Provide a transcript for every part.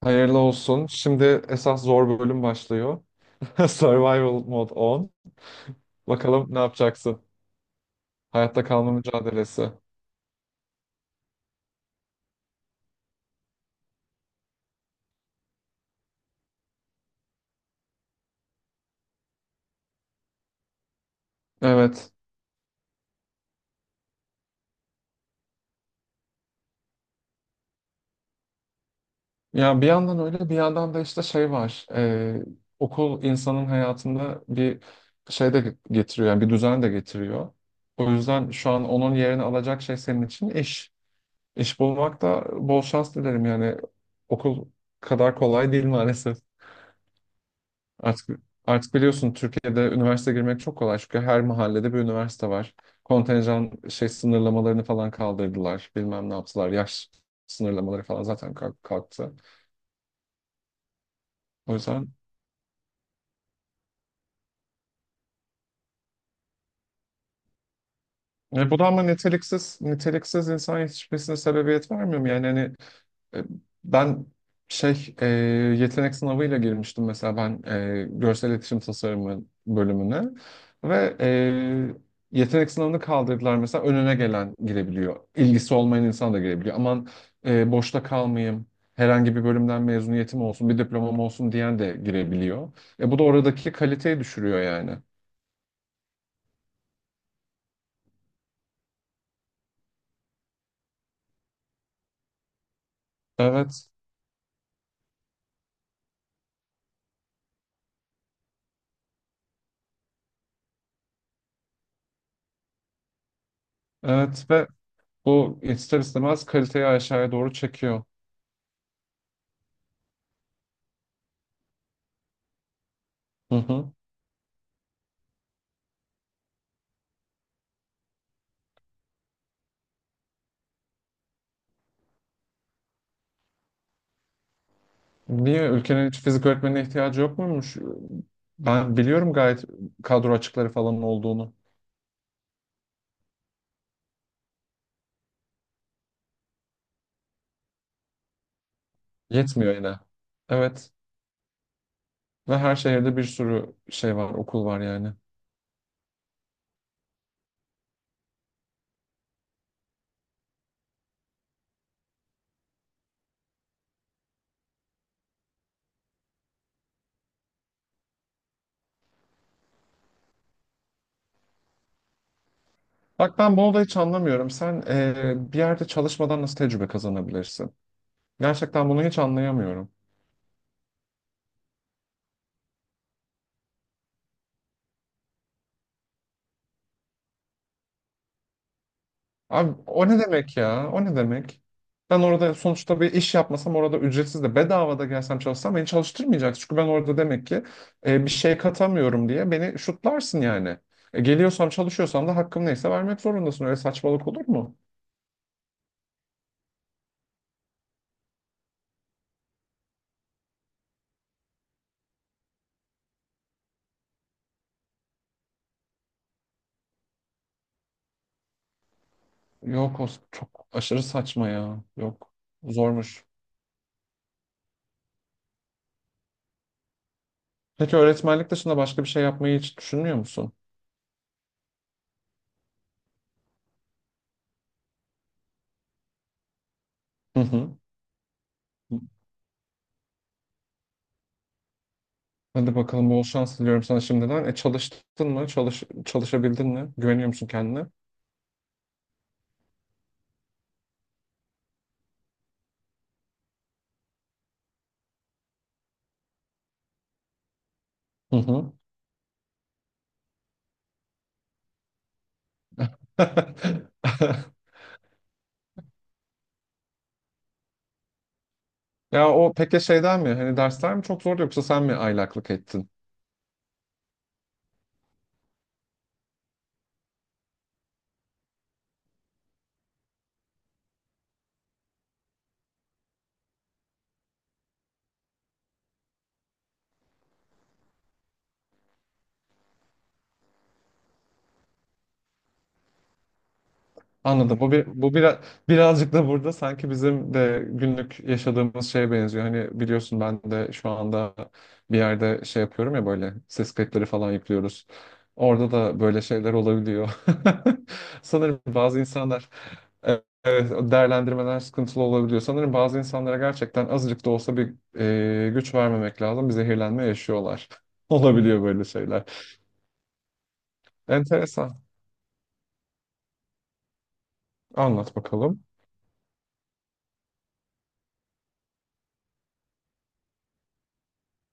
Hayırlı olsun. Şimdi esas zor bölüm başlıyor. Survival Mode 10. Bakalım ne yapacaksın? Hayatta kalma mücadelesi. Evet. Ya bir yandan öyle bir yandan da işte şey var. Okul insanın hayatında bir şey de getiriyor. Yani bir düzen de getiriyor. O yüzden şu an onun yerini alacak şey senin için iş. İş bulmak da bol şans dilerim yani. Okul kadar kolay değil maalesef. Artık artık biliyorsun Türkiye'de üniversite girmek çok kolay çünkü her mahallede bir üniversite var. Kontenjan şey sınırlamalarını falan kaldırdılar. Bilmem ne yaptılar. Yaş sınırlamaları falan zaten kalktı. O yüzden bu da ama niteliksiz insan yetişmesine sebebiyet vermiyor mu? Yani hani E, ben şey e, yetenek sınavıyla girmiştim mesela ben görsel iletişim tasarımı bölümüne ve yetenek sınavını kaldırdılar. Mesela önüne gelen girebiliyor. İlgisi olmayan insan da girebiliyor. Aman boşta kalmayayım. Herhangi bir bölümden mezuniyetim olsun, bir diplomam olsun diyen de girebiliyor. E bu da oradaki kaliteyi düşürüyor yani. Evet, evet ve bu ister istemez kaliteyi aşağıya doğru çekiyor. Hı hı. Niye ülkenin hiç fizik öğretmenine ihtiyacı yok muymuş? Ben biliyorum gayet kadro açıkları falan olduğunu. Yetmiyor yine. Evet. Ve her şehirde bir sürü şey var, okul var yani. Bak ben bunu da hiç anlamıyorum. Sen bir yerde çalışmadan nasıl tecrübe kazanabilirsin? Gerçekten bunu hiç anlayamıyorum. Abi o ne demek ya? O ne demek? Ben orada sonuçta bir iş yapmasam, orada ücretsiz de bedava da gelsem çalışsam beni çalıştırmayacak. Çünkü ben orada demek ki bir şey katamıyorum diye beni şutlarsın yani. Geliyorsam çalışıyorsam da hakkım neyse vermek zorundasın. Öyle saçmalık olur mu? Yok, o çok aşırı saçma ya. Yok, zormuş. Peki öğretmenlik dışında başka bir şey yapmayı hiç düşünmüyor musun? Hı hı. Hadi bakalım bol şans diliyorum sana şimdiden. E çalıştın mı? Çalışabildin mi? Güveniyor musun kendine? Hı hı. Ya o peki şeyden mi? Hani dersler mi çok zordu yoksa sen mi aylaklık ettin? Anladım. Bu birazcık da burada sanki bizim de günlük yaşadığımız şeye benziyor. Hani biliyorsun ben de şu anda bir yerde şey yapıyorum ya, böyle ses kayıtları falan yüklüyoruz. Orada da böyle şeyler olabiliyor. Sanırım bazı insanlar. Evet, evet, değerlendirmeler sıkıntılı olabiliyor. Sanırım bazı insanlara gerçekten azıcık da olsa bir güç vermemek lazım. Bir zehirlenme yaşıyorlar. Olabiliyor böyle şeyler. Enteresan. Anlat bakalım.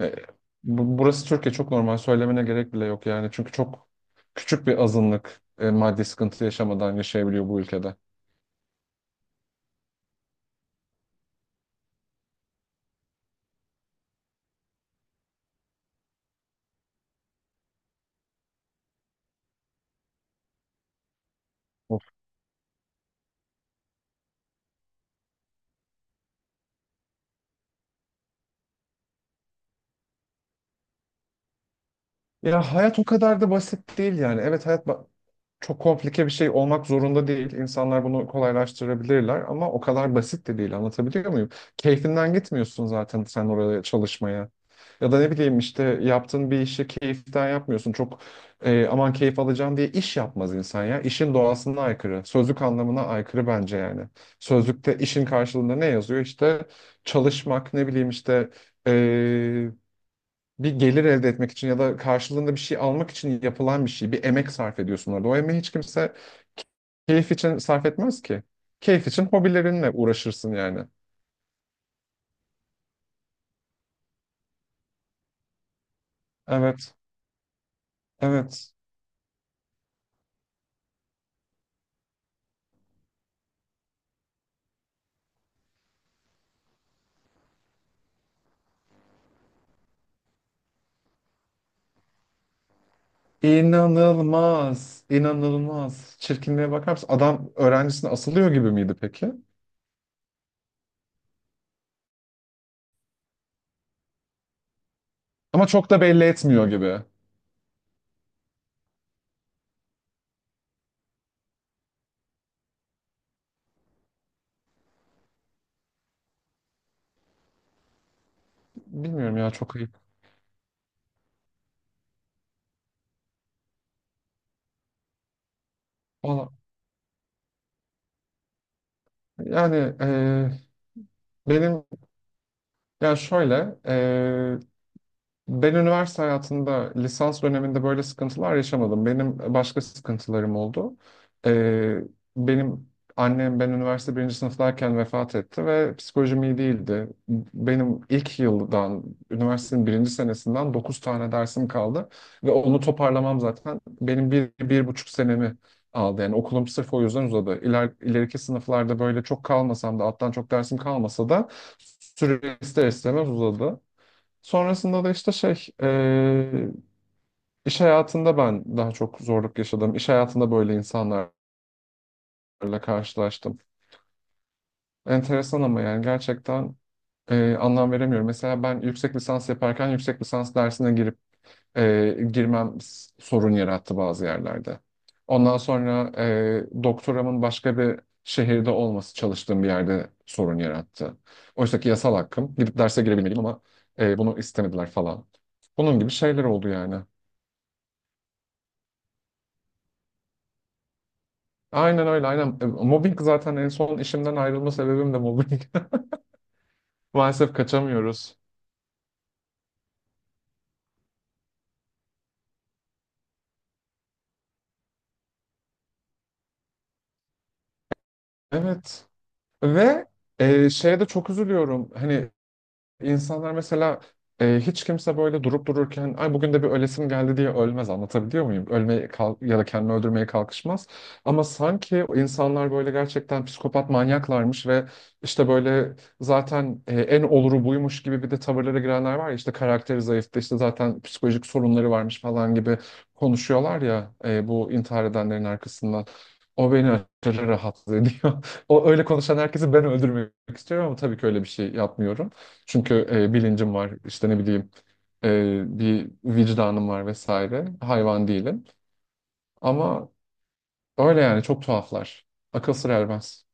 E, Burası Türkiye, çok normal. Söylemene gerek bile yok yani. Çünkü çok küçük bir azınlık maddi sıkıntı yaşamadan yaşayabiliyor bu ülkede. Ya hayat o kadar da basit değil yani. Evet hayat çok komplike bir şey olmak zorunda değil. İnsanlar bunu kolaylaştırabilirler ama o kadar basit de değil. Anlatabiliyor muyum? Keyfinden gitmiyorsun zaten sen oraya çalışmaya. Ya da ne bileyim işte yaptığın bir işi keyiften yapmıyorsun. Çok aman keyif alacağım diye iş yapmaz insan ya. İşin doğasına aykırı. Sözlük anlamına aykırı bence yani. Sözlükte işin karşılığında ne yazıyor? İşte çalışmak, ne bileyim işte e, bir gelir elde etmek için ya da karşılığında bir şey almak için yapılan bir şey. Bir emek sarf ediyorsun orada. O emeği hiç kimse keyif için sarf etmez ki. Keyif için hobilerinle uğraşırsın yani. Evet, evet. İnanılmaz, inanılmaz. Çirkinliğe bakar mısın? Adam öğrencisine asılıyor gibi miydi peki? Ama çok da belli etmiyor gibi. Bilmiyorum ya, çok ayıp. Valla yani benim, ya şöyle, ben üniversite hayatında lisans döneminde böyle sıkıntılar yaşamadım. Benim başka sıkıntılarım oldu. Ee, Benim annem ben üniversite birinci sınıftayken vefat etti ve psikolojim iyi değildi. Benim ilk yıldan, Üniversitenin birinci senesinden 9 tane dersim kaldı. Ve onu toparlamam zaten 1,5 senemi aldı. Yani okulum sırf o yüzden uzadı. İleriki sınıflarda böyle çok kalmasam da, alttan çok dersim kalmasa da süre ister istemez uzadı. Sonrasında da işte şey, iş hayatında ben daha çok zorluk yaşadım. İş hayatında böyle insanlarla karşılaştım. Enteresan ama yani gerçekten anlam veremiyorum. Mesela ben yüksek lisans yaparken yüksek lisans dersine girip girmem sorun yarattı bazı yerlerde. Ondan sonra doktoramın başka bir şehirde olması çalıştığım bir yerde sorun yarattı. Oysa ki yasal hakkım. Gidip derse girebilmeliyim ama bunu istemediler falan. Bunun gibi şeyler oldu yani. Aynen öyle, aynen. E, mobbing zaten en son işimden ayrılma sebebim de mobbing. Maalesef kaçamıyoruz. Evet. Ve şeye de çok üzülüyorum. Hani İnsanlar mesela hiç kimse böyle durup dururken ay bugün de bir ölesim geldi diye ölmez, anlatabiliyor muyum? Ölmeye kal ya da kendini öldürmeye kalkışmaz. Ama sanki o insanlar böyle gerçekten psikopat manyaklarmış ve işte böyle zaten en oluru buymuş gibi bir de tavırlara girenler var ya, işte karakteri zayıftı, işte zaten psikolojik sorunları varmış falan gibi konuşuyorlar ya bu intihar edenlerin arkasından. O beni aşırı rahatsız ediyor. O öyle konuşan herkesi ben öldürmek istiyorum ama tabii ki öyle bir şey yapmıyorum. Çünkü bilincim var, işte ne bileyim bir vicdanım var vesaire, hayvan değilim ama öyle yani, çok tuhaflar, akıl sır ermez.